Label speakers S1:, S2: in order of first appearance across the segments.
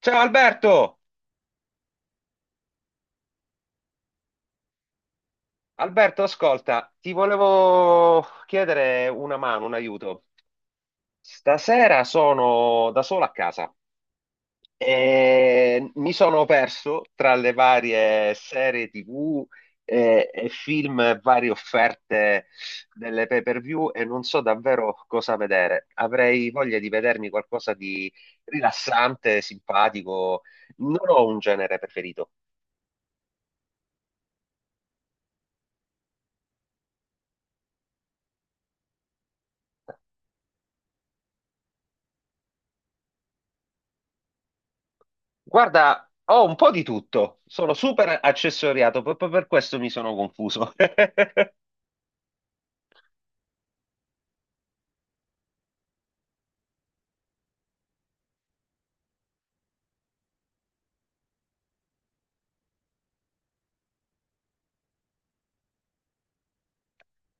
S1: Ciao Alberto! Alberto, ascolta, ti volevo chiedere una mano, un aiuto. Stasera sono da solo a casa e mi sono perso tra le varie serie TV e film, e varie offerte delle pay-per-view e non so davvero cosa vedere. Avrei voglia di vedermi qualcosa di rilassante, simpatico. Non ho un genere preferito. Guarda, ho un po' di tutto, sono super accessoriato, proprio per questo mi sono confuso.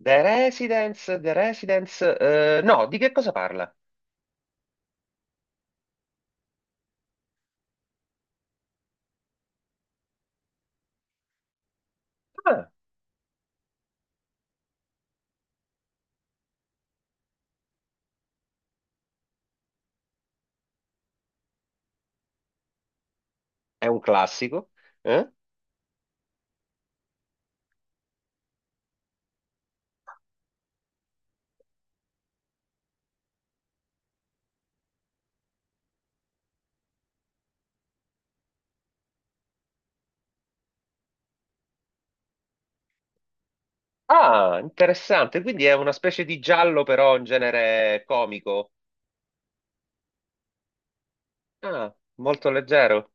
S1: The Residence, The Residence, no, di che cosa parla? Ah, è un classico. Eh? Ah, interessante, quindi è una specie di giallo però in genere comico. Ah, molto leggero.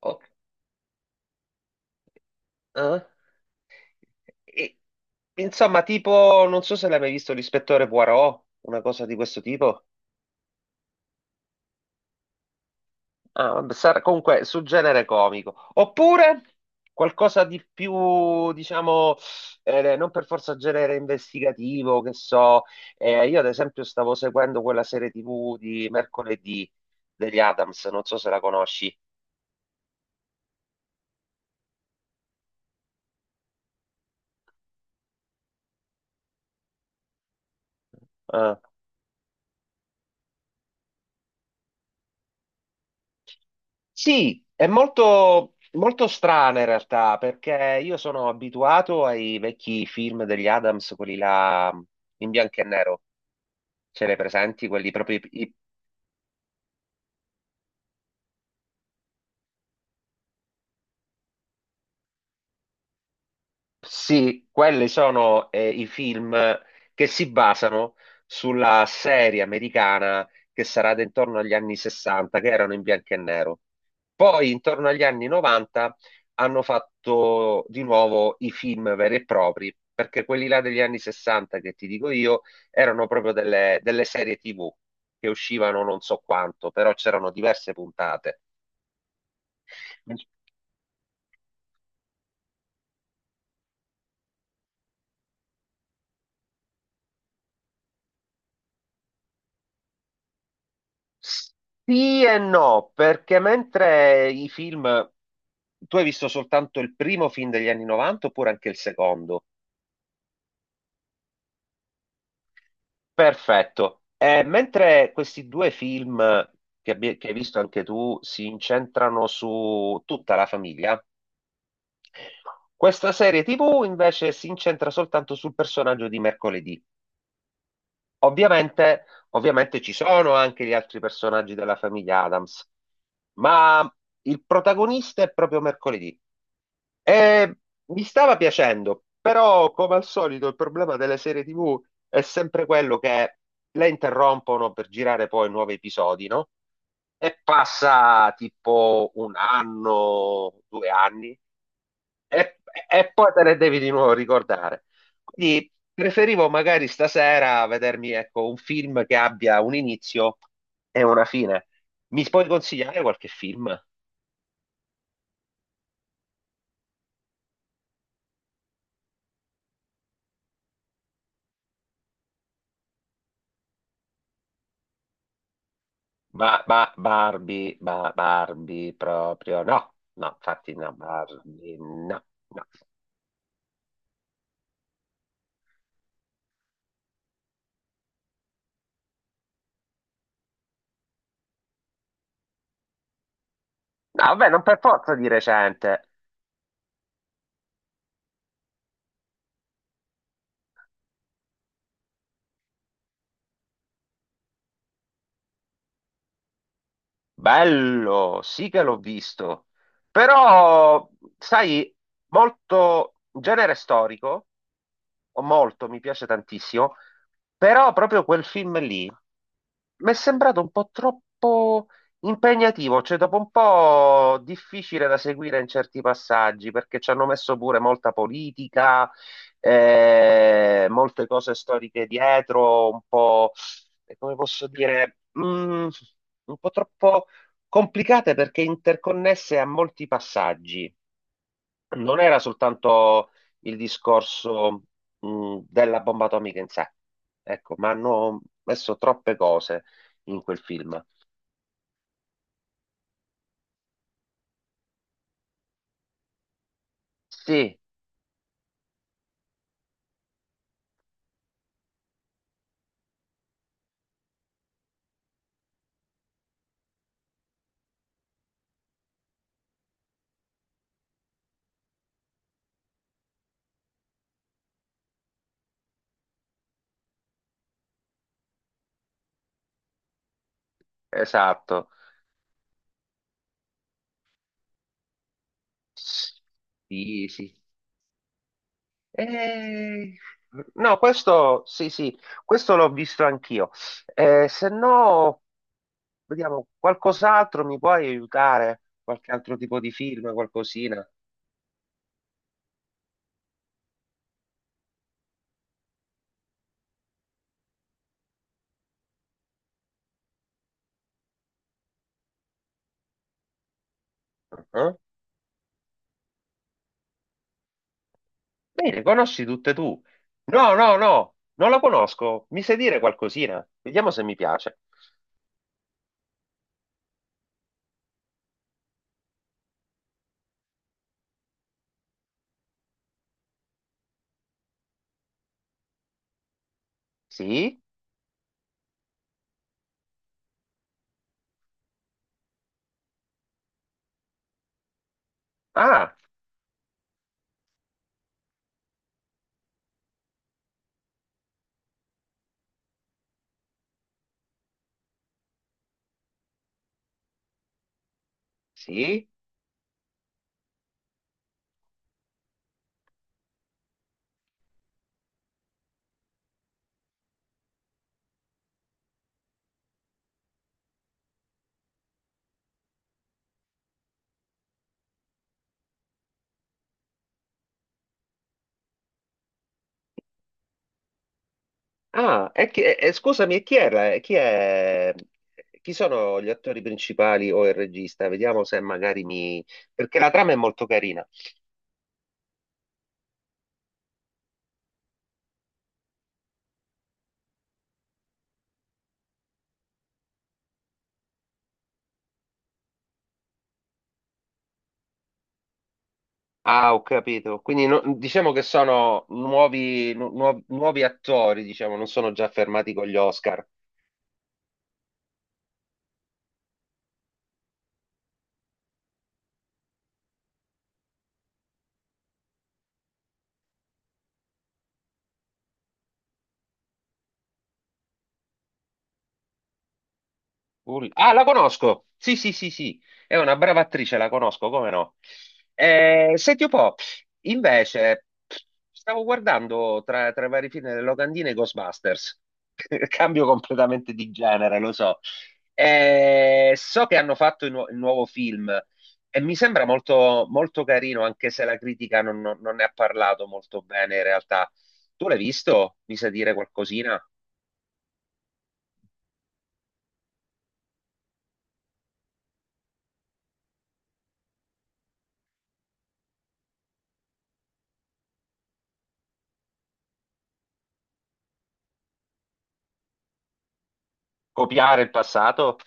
S1: Ok. Ah. E- insomma, tipo, non so se l'hai mai visto l'ispettore Poirot, una cosa di questo tipo. Ah, vabbè, sarà comunque sul genere comico. Oppure qualcosa di più, diciamo, non per forza genere investigativo, che so. Io ad esempio stavo seguendo quella serie TV di mercoledì degli Adams, non so se la conosci. Eh, sì, è molto, molto strana in realtà, perché io sono abituato ai vecchi film degli Adams, quelli là in bianco e nero. Ce li hai presenti? Quelli proprio i... Sì, quelli sono i film che si basano sulla serie americana che sarà da intorno agli anni 60, che erano in bianco e nero. Poi, intorno agli anni 90, hanno fatto di nuovo i film veri e propri, perché quelli là degli anni 60, che ti dico io, erano proprio delle serie TV che uscivano non so quanto, però c'erano diverse puntate. Sì e no, perché mentre i film... Tu hai visto soltanto il primo film degli anni 90 oppure anche il secondo? Perfetto. Mentre questi due film che hai visto anche tu si incentrano su tutta la famiglia, questa serie TV invece si incentra soltanto sul personaggio di mercoledì. Ovviamente, ovviamente ci sono anche gli altri personaggi della famiglia Adams, ma il protagonista è proprio mercoledì. E mi stava piacendo, però come al solito il problema delle serie TV è sempre quello che le interrompono per girare poi nuovi episodi, no? E passa tipo un anno, due anni, e, e poi te ne devi di nuovo ricordare. Quindi preferivo magari stasera vedermi, ecco, un film che abbia un inizio e una fine. Mi puoi consigliare qualche film? Barbie, Barbie proprio no, no, infatti no, Barbie no, no. No, vabbè, non per forza di recente. Bello, sì che l'ho visto, però sai, molto genere storico, o molto, mi piace tantissimo, però proprio quel film lì. Mi è sembrato un po' troppo impegnativo, cioè dopo un po' difficile da seguire in certi passaggi, perché ci hanno messo pure molta politica, molte cose storiche dietro, un po', come posso dire, un po' troppo complicate perché interconnesse a molti passaggi, non era soltanto il discorso, della bomba atomica in sé, ecco, ma hanno messo troppe cose in quel film. Sì, esatto. Sì, sì. Eh, no, questo sì, sì, questo l'ho visto anch'io. Se no, vediamo, qualcos'altro mi puoi aiutare? Qualche altro tipo di film, qualcosina? Ah, bene, conosci tutte tu. No, no, no, non la conosco. Mi sai dire qualcosina? Vediamo se mi piace. Sì? Ah, sì? Ah, e scusami, e chi era? E chi è? Chi sono gli attori principali o il regista? Vediamo se magari mi... Perché la trama è molto carina. Ah, ho capito. Quindi diciamo che sono nuovi, nuovi nuovi attori, diciamo, non sono già fermati con gli Oscar. Ah, la conosco! Sì, sì, sì, sì, è una brava attrice, la conosco, come no? Senti un po', invece, stavo guardando tra i vari film delle locandine i Ghostbusters. Cambio completamente di genere, lo so. So che hanno fatto il nuovo film e mi sembra molto, molto carino, anche se la critica non ne ha parlato molto bene in realtà. Tu l'hai visto? Mi sa dire qualcosina? Copiare il passato?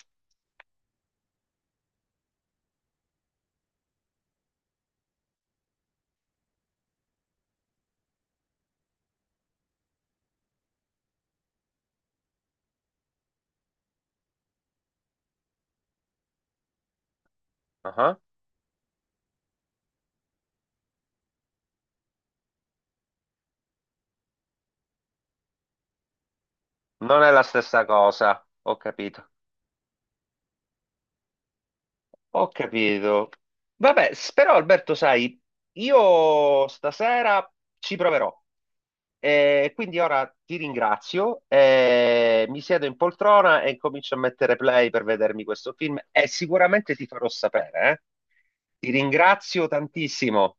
S1: Ah. Non è la stessa cosa, ho capito. Ho capito. Vabbè, però Alberto, sai, io stasera ci proverò. E quindi ora ti ringrazio, e mi siedo in poltrona e comincio a mettere play per vedermi questo film e sicuramente ti farò sapere, eh. Ti ringrazio tantissimo.